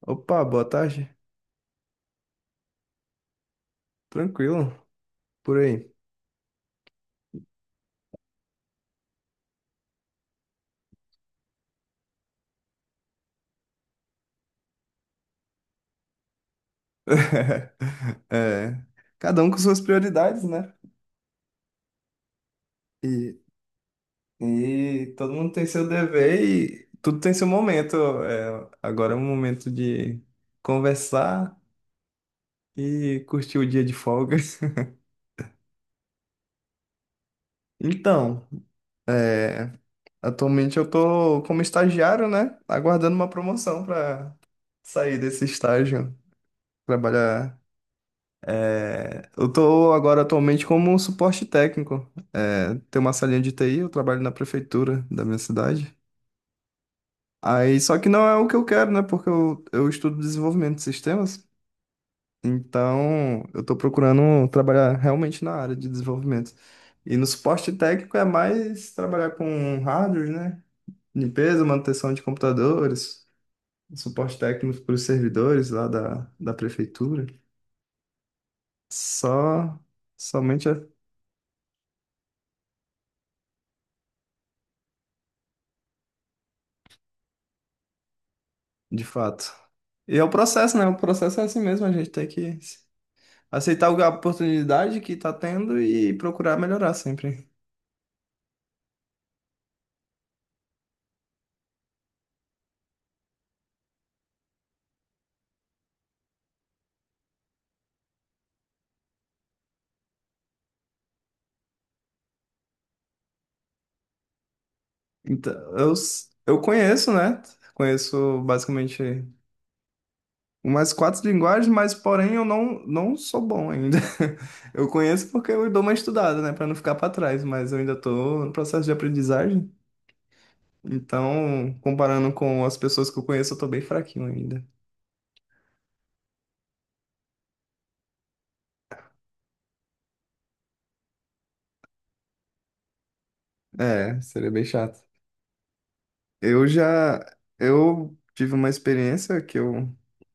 Opa, boa tarde. Tranquilo, por aí. É, cada um com suas prioridades, né? E, e todo mundo tem seu dever e tudo tem seu momento. É, agora é o momento de conversar e curtir o dia de folga. Então, é, atualmente eu tô como estagiário, né? Aguardando uma promoção para sair desse estágio, trabalhar. É, eu tô agora atualmente como suporte técnico. É, tem uma salinha de TI, eu trabalho na prefeitura da minha cidade. Aí, só que não é o que eu quero, né? Porque eu estudo desenvolvimento de sistemas. Então, eu tô procurando trabalhar realmente na área de desenvolvimento. E no suporte técnico é mais trabalhar com hardware, né? Limpeza, manutenção de computadores, suporte técnico para os servidores lá da prefeitura. Só, somente é de fato. E é o processo, né? O processo é assim mesmo, a gente tem que aceitar a oportunidade que tá tendo e procurar melhorar sempre. Então, eu conheço, né? Conheço basicamente umas quatro linguagens, mas porém eu não sou bom ainda. Eu conheço porque eu dou uma estudada, né? Pra não ficar pra trás, mas eu ainda tô no processo de aprendizagem. Então, comparando com as pessoas que eu conheço, eu tô bem fraquinho ainda. É, seria bem chato. Eu já, eu tive uma experiência que eu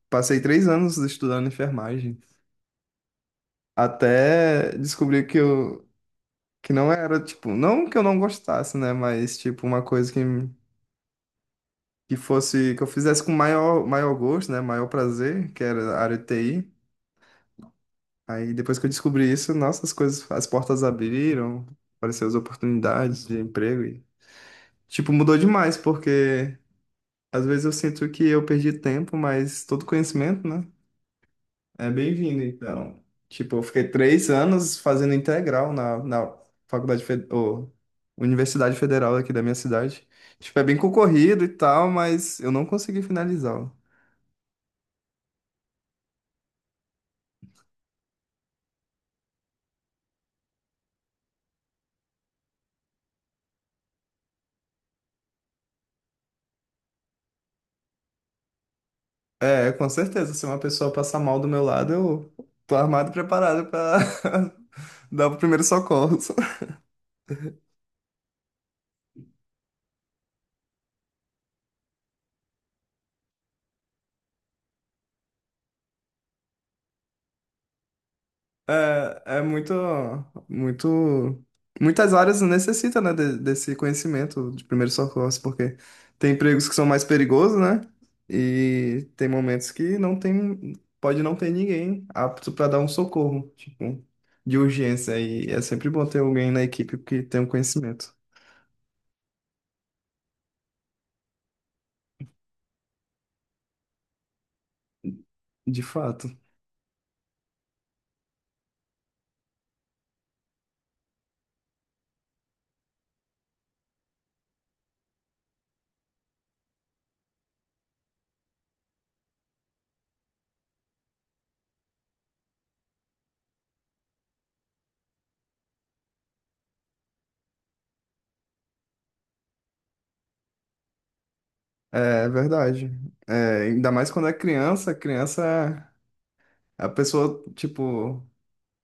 passei 3 anos estudando enfermagem. Até descobri que não era, tipo, não que eu não gostasse, né? Mas, tipo, uma coisa que fosse, que eu fizesse com maior, maior gosto, né? Maior prazer, que era a área de TI. Aí depois que eu descobri isso, nossa, as coisas, as portas abriram, apareceram as oportunidades de emprego e, tipo, mudou demais, porque às vezes eu sinto que eu perdi tempo, mas todo conhecimento, né? É bem-vindo, então. Tipo, eu fiquei 3 anos fazendo integral na faculdade, ou Universidade Federal aqui da minha cidade. Tipo, é bem concorrido e tal, mas eu não consegui finalizá-lo. É, com certeza, se uma pessoa passar mal do meu lado, eu tô armado e preparado pra dar o primeiro socorro. É muito, muitas áreas necessitam, né, desse conhecimento de primeiros socorros, porque tem empregos que são mais perigosos, né? E tem momentos que não tem, pode não ter ninguém apto para dar um socorro, tipo, de urgência. E é sempre bom ter alguém na equipe que tem um conhecimento, de fato. É verdade. É, ainda mais quando é criança, criança, é a pessoa, tipo.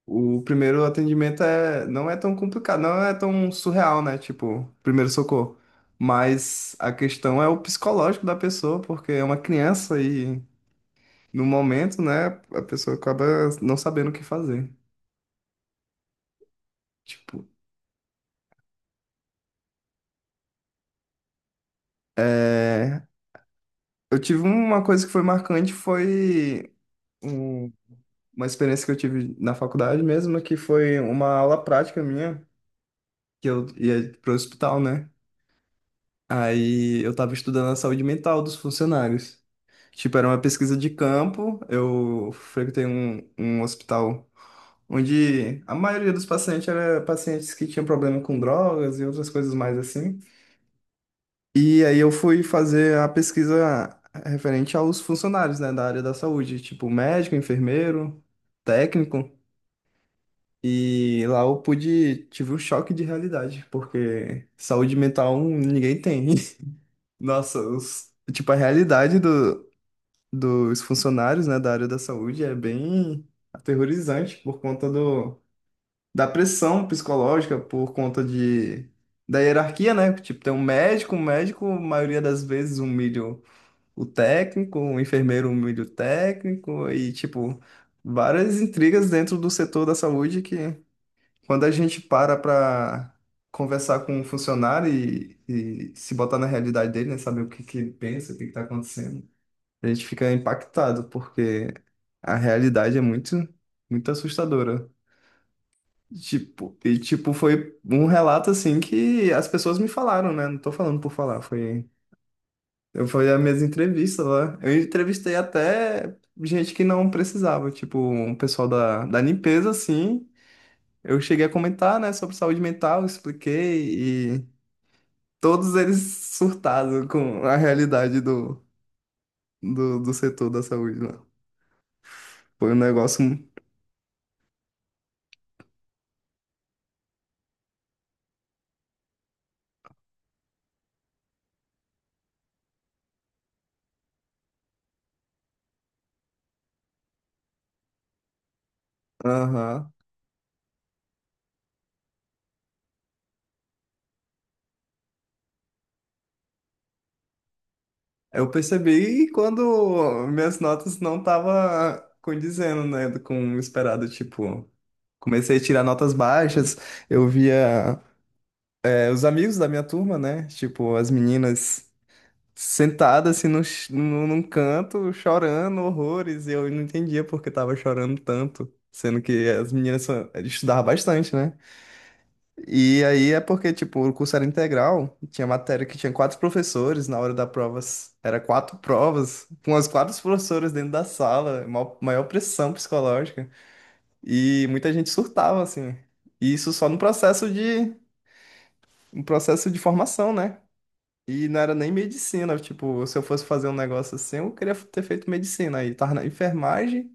O primeiro atendimento é, não é tão complicado, não é tão surreal, né? Tipo, primeiro socorro. Mas a questão é o psicológico da pessoa, porque é uma criança e no momento, né, a pessoa acaba não sabendo o que fazer. Tipo, é... eu tive uma coisa que foi marcante, foi um- uma experiência que eu tive na faculdade mesmo, que foi uma aula prática minha, que eu ia pro hospital, né? Aí eu tava estudando a saúde mental dos funcionários. Tipo, era uma pesquisa de campo. Eu frequentei um hospital onde a maioria dos pacientes era pacientes que tinham problema com drogas e outras coisas mais assim. E aí eu fui fazer a pesquisa referente aos funcionários, né, da área da saúde, tipo médico, enfermeiro, técnico. E lá eu pude, tive um choque de realidade, porque saúde mental ninguém tem. Nossa, os- tipo, a realidade dos funcionários, né, da área da saúde é bem aterrorizante por conta da pressão psicológica, por conta da hierarquia, né? Tipo, tem um médico, a maioria das vezes, humilha o técnico, o enfermeiro humilha o técnico, e, tipo, várias intrigas dentro do setor da saúde que, quando a gente para conversar com um funcionário e se botar na realidade dele, né, saber o que que ele pensa, o que que está acontecendo. A gente fica impactado, porque a realidade é muito, muito assustadora. Tipo, foi um relato assim que as pessoas me falaram, né? Não tô falando por falar, foi. Eu fui as minhas entrevistas lá. Eu entrevistei até gente que não precisava, tipo, um pessoal da limpeza, assim. Eu cheguei a comentar, né, sobre saúde mental, expliquei, e todos eles surtados com a realidade do setor da saúde lá. Foi um negócio. Aham. Eu percebi quando minhas notas não estavam condizendo, né, com o esperado, tipo, comecei a tirar notas baixas, eu via os amigos da minha turma, né, tipo, as meninas sentadas, assim, num canto, chorando horrores, e eu não entendia por que tava chorando tanto, sendo que as meninas estudavam bastante, né? E aí é porque, tipo, o curso era integral, tinha matéria que tinha quatro professores, na hora da prova era quatro provas, com as quatro professoras dentro da sala, maior pressão psicológica, e muita gente surtava, assim. E isso só no no processo de formação, né? E não era nem medicina, tipo, se eu fosse fazer um negócio assim, eu queria ter feito medicina, aí tava na enfermagem,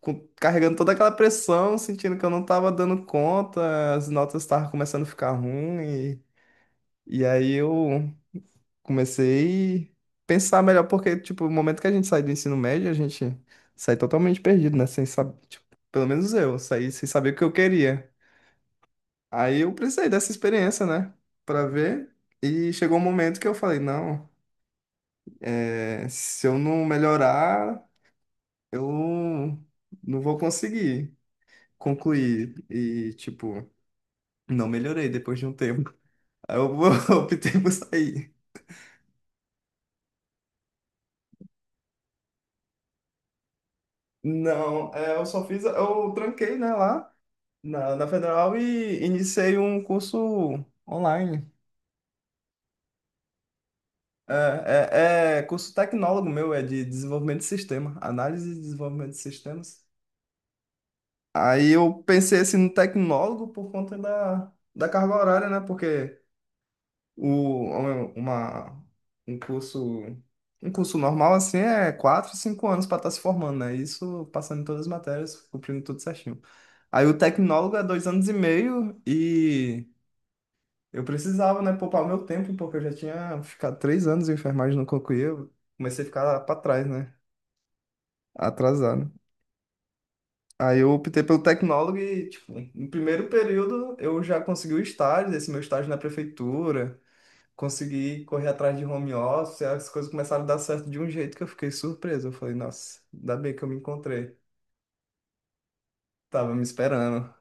carregando toda aquela pressão, sentindo que eu não tava dando conta, as notas estavam começando a ficar ruim. E aí eu comecei a pensar melhor, porque, tipo, o momento que a gente sai do ensino médio, a gente sai totalmente perdido, né? Sem saber, tipo, pelo menos eu, saí sem saber o que eu queria. Aí eu precisei dessa experiência, né? Pra ver. E chegou um momento que eu falei, não, se eu não melhorar, eu não vou conseguir concluir. E, tipo, não melhorei depois de um tempo. Aí eu optei por sair. Não, eu só fiz, eu tranquei, né, lá. Na Federal e iniciei um curso online. É, curso tecnólogo meu, é de desenvolvimento de sistema, análise e desenvolvimento de sistemas. Aí eu pensei assim no tecnólogo por conta da carga horária, né? Porque o, uma, um curso, um curso normal assim é 4, 5 anos para estar se formando, né? Isso passando em todas as matérias, cumprindo tudo certinho. Aí o tecnólogo é 2 anos e meio e eu precisava, né, poupar meu tempo, porque eu já tinha ficado 3 anos em enfermagem no concluí, eu comecei a ficar para trás, né, atrasado. Aí eu optei pelo tecnólogo e, tipo, no primeiro período eu já consegui o estágio, esse meu estágio na prefeitura, consegui correr atrás de home office, as coisas começaram a dar certo de um jeito que eu fiquei surpreso. Eu falei, nossa, ainda bem que eu me encontrei. Tava me esperando,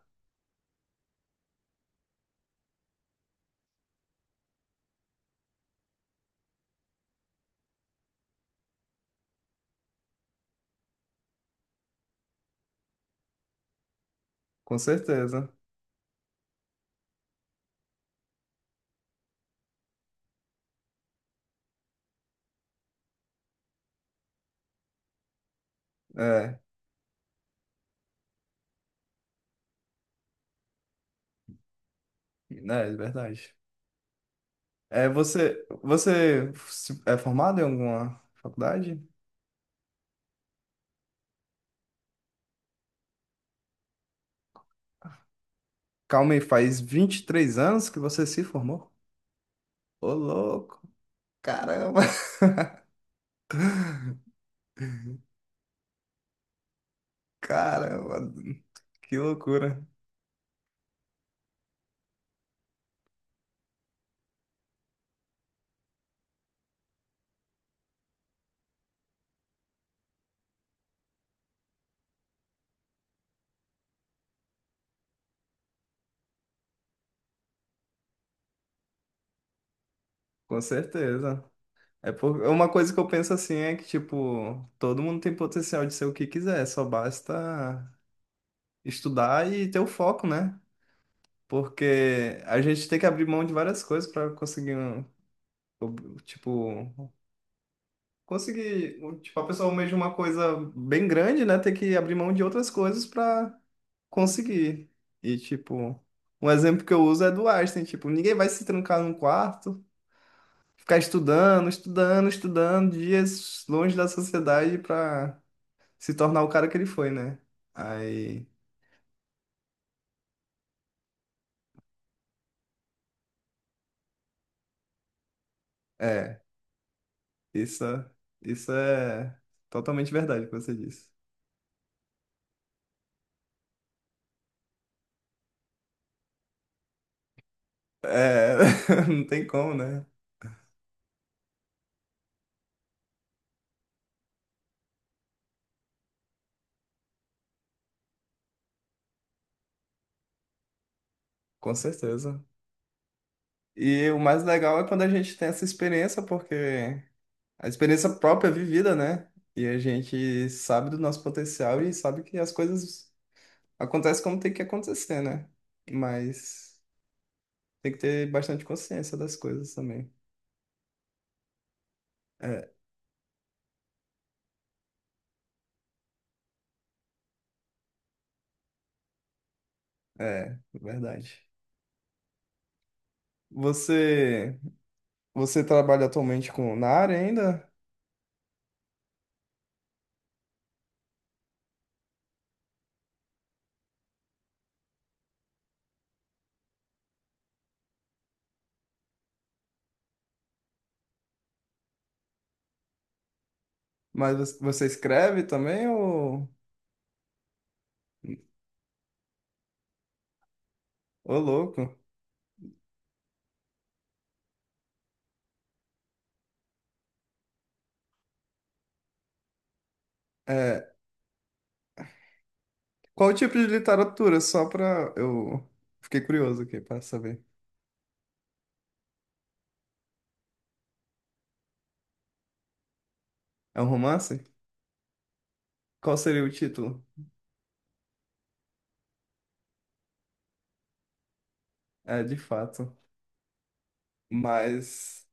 com certeza. É, né, é verdade. É, você é formado em alguma faculdade? Calma aí, faz 23 anos que você se formou? Ô, louco! Caramba, caramba, que loucura. Com certeza. Uma coisa que eu penso assim é que, tipo, todo mundo tem potencial de ser o que quiser, só basta estudar e ter o foco, né? Porque a gente tem que abrir mão de várias coisas para conseguir, tipo, conseguir, tipo, a pessoa almeja uma coisa bem grande, né? Tem que abrir mão de outras coisas para conseguir. E, tipo, um exemplo que eu uso é do Einstein, tipo, ninguém vai se trancar num quarto, ficar estudando, estudando, estudando, dias longe da sociedade para se tornar o cara que ele foi, né? Aí, é, isso, isso é totalmente verdade o que você disse. É, não tem como, né? Com certeza. E o mais legal é quando a gente tem essa experiência, porque a experiência própria é vivida, né? E a gente sabe do nosso potencial e sabe que as coisas acontecem como tem que acontecer, né? Mas tem que ter bastante consciência das coisas também. É, verdade. Você, você trabalha atualmente com na área ainda, mas você escreve também ou, ô louco? É, qual o tipo de literatura? Só pra eu fiquei curioso aqui para saber. É um romance? Qual seria o título? É, de fato. Mas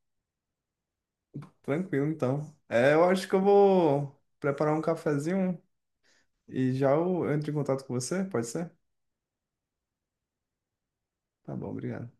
tranquilo, então. É, eu acho que eu vou preparar um cafezinho e já eu entro em contato com você, pode ser? Tá bom, obrigado.